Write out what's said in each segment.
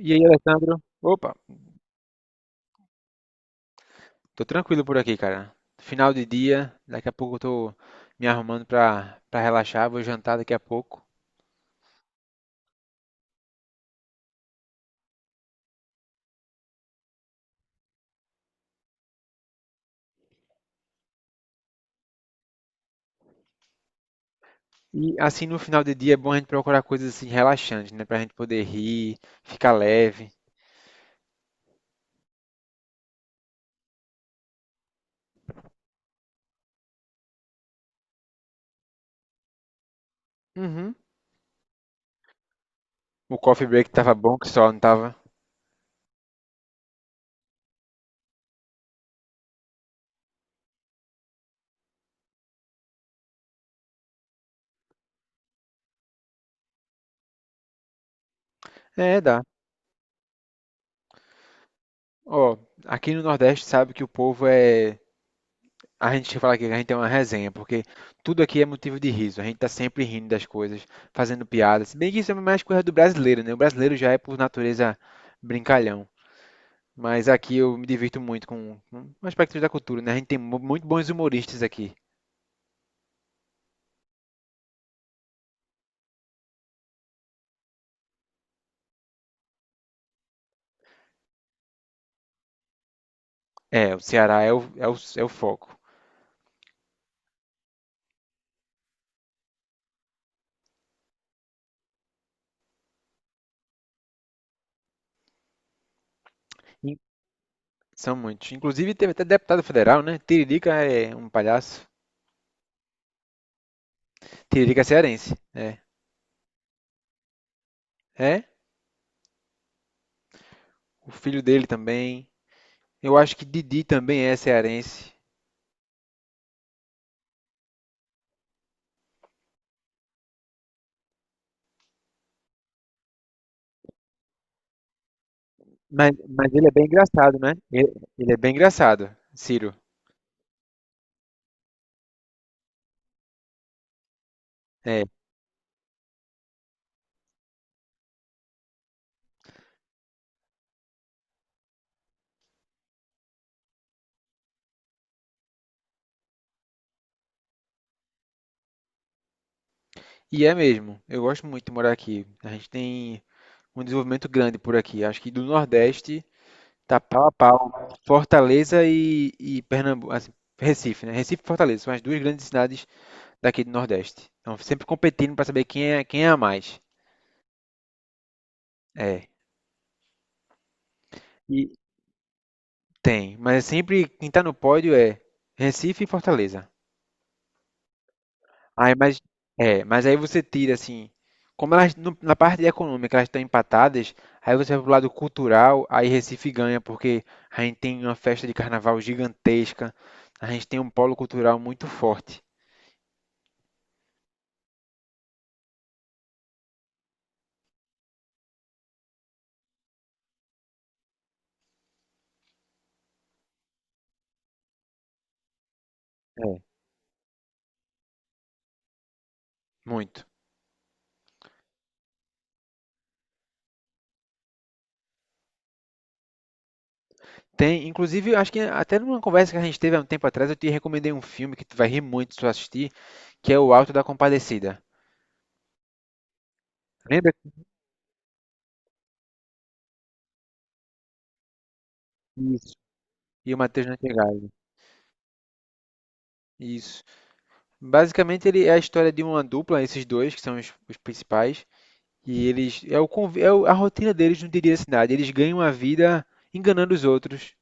E aí, Alessandro? Opa, tô tranquilo por aqui, cara. Final de dia, daqui a pouco eu tô me arrumando pra relaxar, vou jantar daqui a pouco. E assim, no final de dia é bom a gente procurar coisas assim relaxantes, né? Pra gente poder rir, ficar leve. Uhum. O coffee break tava bom que só, não tava? É, dá. Ó, aqui no Nordeste sabe que o povo é A gente fala aqui que a gente é uma resenha, porque tudo aqui é motivo de riso. A gente tá sempre rindo das coisas, fazendo piadas. Se bem que isso é mais coisa do brasileiro, né? O brasileiro já é, por natureza, brincalhão. Mas aqui eu me divirto muito com aspectos da cultura, né? A gente tem muito bons humoristas aqui. É, o Ceará é o foco. In- São muitos. Inclusive teve até deputado federal, né? Tiririca é um palhaço. Tiririca é cearense, né? É, o filho dele também. Eu acho que Didi também é cearense. Mas ele é bem engraçado, né? Ele é bem engraçado, Ciro. É. E é mesmo. Eu gosto muito de morar aqui. A gente tem um desenvolvimento grande por aqui. Acho que do Nordeste tá pau a pau. Fortaleza e Pernambuco. Assim, Recife, né? Recife e Fortaleza são as duas grandes cidades daqui do Nordeste. Então, sempre competindo para saber quem é a mais. É. E tem. Mas sempre quem tá no pódio é Recife e Fortaleza. Aí, mas, é, mas aí você tira assim, como elas na parte econômica elas estão empatadas, aí você vai pro lado cultural, aí Recife ganha porque a gente tem uma festa de carnaval gigantesca, a gente tem um polo cultural muito forte, É. Muito. Tem, inclusive, eu acho que até numa conversa que a gente teve há um tempo atrás, eu te recomendei um filme que tu vai rir muito se tu assistir, que é O Alto da Compadecida. Lembra disso? E o Matheus Nachegale. Isso. Basicamente, ele é a história de uma dupla, esses dois, que são os principais, E eles. É, o, conv- é o- A rotina deles no dia a dia da cidade. Eles ganham a vida enganando os outros,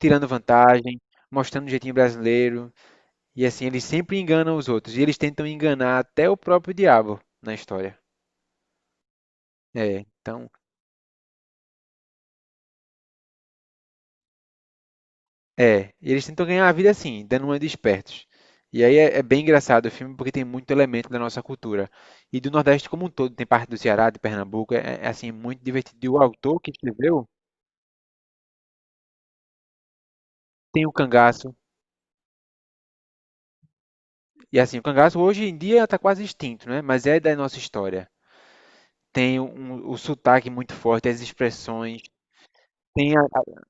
tirando vantagem, mostrando o jeitinho brasileiro. E assim, eles sempre enganam os outros. E eles tentam enganar até o próprio diabo na história. É, então. É, eles tentam ganhar a vida assim, dando uma de espertos. E aí é bem engraçado o filme porque tem muito elemento da nossa cultura. E do Nordeste como um todo, tem parte do Ceará, de Pernambuco. Assim, muito divertido. E o autor que escreveu tem o cangaço E assim, o cangaço hoje em dia está quase extinto, né? Mas é da nossa história. Tem o sotaque muito forte, as expressões. Tem a- a-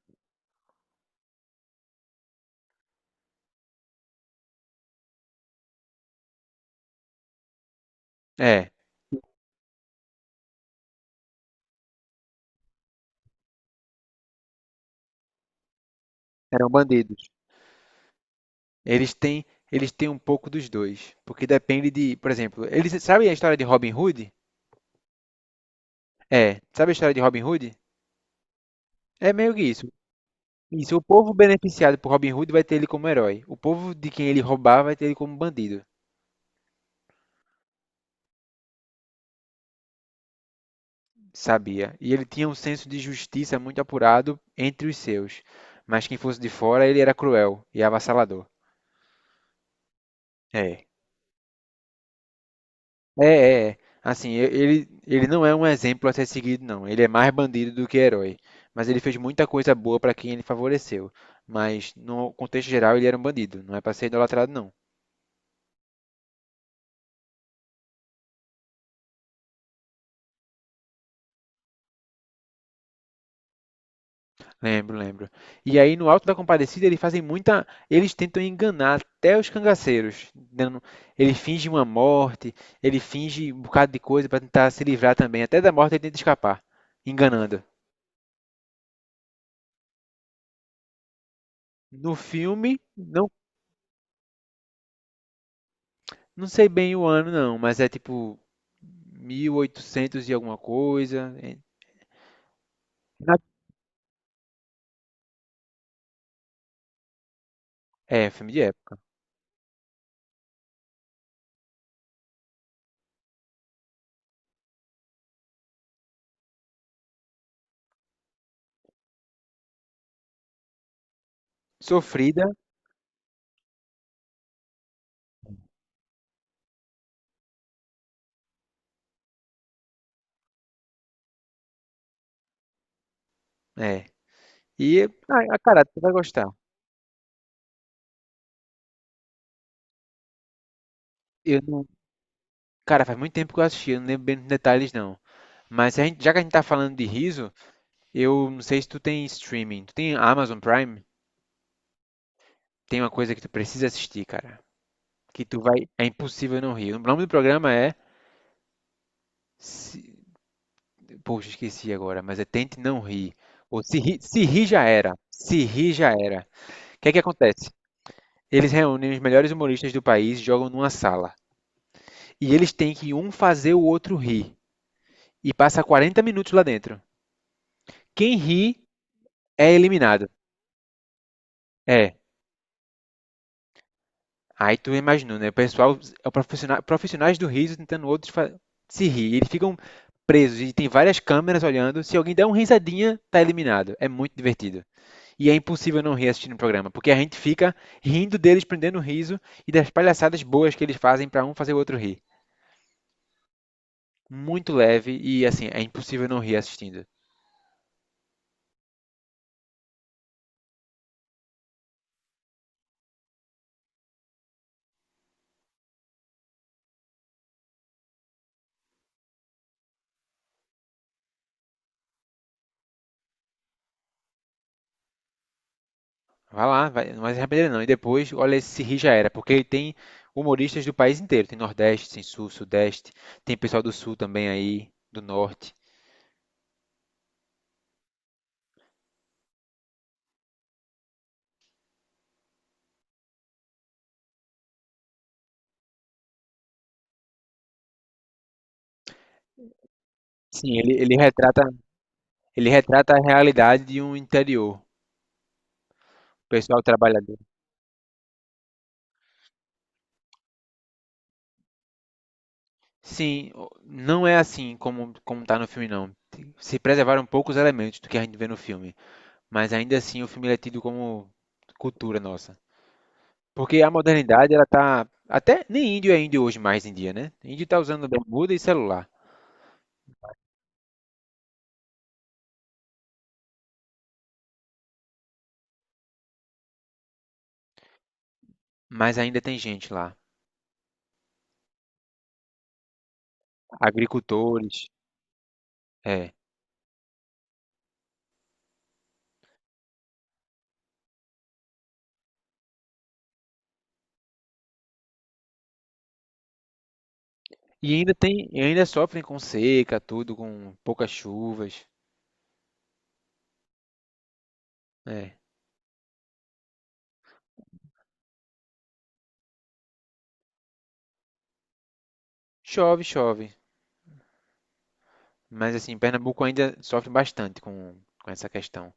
É, eram bandidos. Eles têm, eles têm um pouco dos dois, porque depende de, por exemplo, eles sabem a história de Robin Hood? É, sabe a história de Robin Hood? É meio que isso. Isso, o povo beneficiado por Robin Hood vai ter ele como herói. O povo de quem ele roubar vai ter ele como bandido. Sabia. E ele tinha um senso de justiça muito apurado entre os seus. Mas quem fosse de fora, ele era cruel e avassalador. É. Assim, ele não é um exemplo a ser seguido, não. Ele é mais bandido do que herói. Mas ele fez muita coisa boa para quem ele favoreceu. Mas, no contexto geral, ele era um bandido. Não é para ser idolatrado, não. Lembro, lembro. E aí no Alto da Compadecida eles eles tentam enganar até os cangaceiros, ele finge uma morte, ele finge um bocado de coisa para tentar se livrar também, até da morte ele tenta escapar, enganando. No filme, não, não sei bem o ano não, mas é tipo 1800 e alguma coisa. Na- É, filme de época. Sofrida, é. E, ah, cara, tu vai gostar. Eu não, cara, faz muito tempo que eu assisti, eu não lembro bem dos detalhes não. Mas se a gente- já que a gente tá falando de riso, eu não sei se tu tem streaming. Tu tem Amazon Prime? Tem uma coisa que tu precisa assistir, cara. Que tu vai. É impossível não rir. O nome do programa é. Se... Poxa, esqueci agora, mas é Tente Não Rir. Ou se rir, se rir já era. Se rir já era. O que é que acontece? Eles reúnem os melhores humoristas do país, e jogam numa sala. E eles têm que um fazer o outro rir. E passa 40 minutos lá dentro. Quem ri é eliminado. É. Aí tu imaginou, né? O pessoal, é o profissional, profissionais do riso tentando outros se rir. Eles ficam presos e tem várias câmeras olhando. Se alguém der uma risadinha, tá eliminado. É muito divertido. E é impossível não rir assistindo o programa, porque a gente fica rindo deles, prendendo o riso e das palhaçadas boas que eles fazem pra um fazer o outro rir. Muito leve e assim, é impossível não rir assistindo. Vai lá, vai, não vai se arrepender não. E depois, olha se rir já era, porque ele tem humoristas do país inteiro. Tem Nordeste, tem Sul, Sudeste, tem pessoal do Sul também aí, do Norte. Sim, ele retrata a realidade de um interior, pessoal trabalhador. Sim, não é assim como tá no filme não. Se preservaram poucos elementos do que a gente vê no filme, mas ainda assim o filme ele é tido como cultura nossa. Porque a modernidade ela tá até nem índio é índio hoje mais em dia, né? Índio tá usando bermuda e celular, mas ainda tem gente lá, agricultores, é. E ainda tem, e ainda sofrem com seca, tudo com poucas chuvas, é. Chove, chove. Mas assim, Pernambuco ainda sofre bastante com essa questão.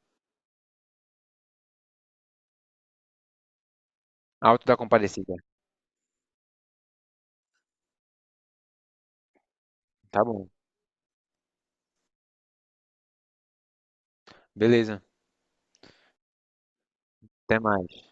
Alto da Compadecida. Tá bom. Beleza. Até mais.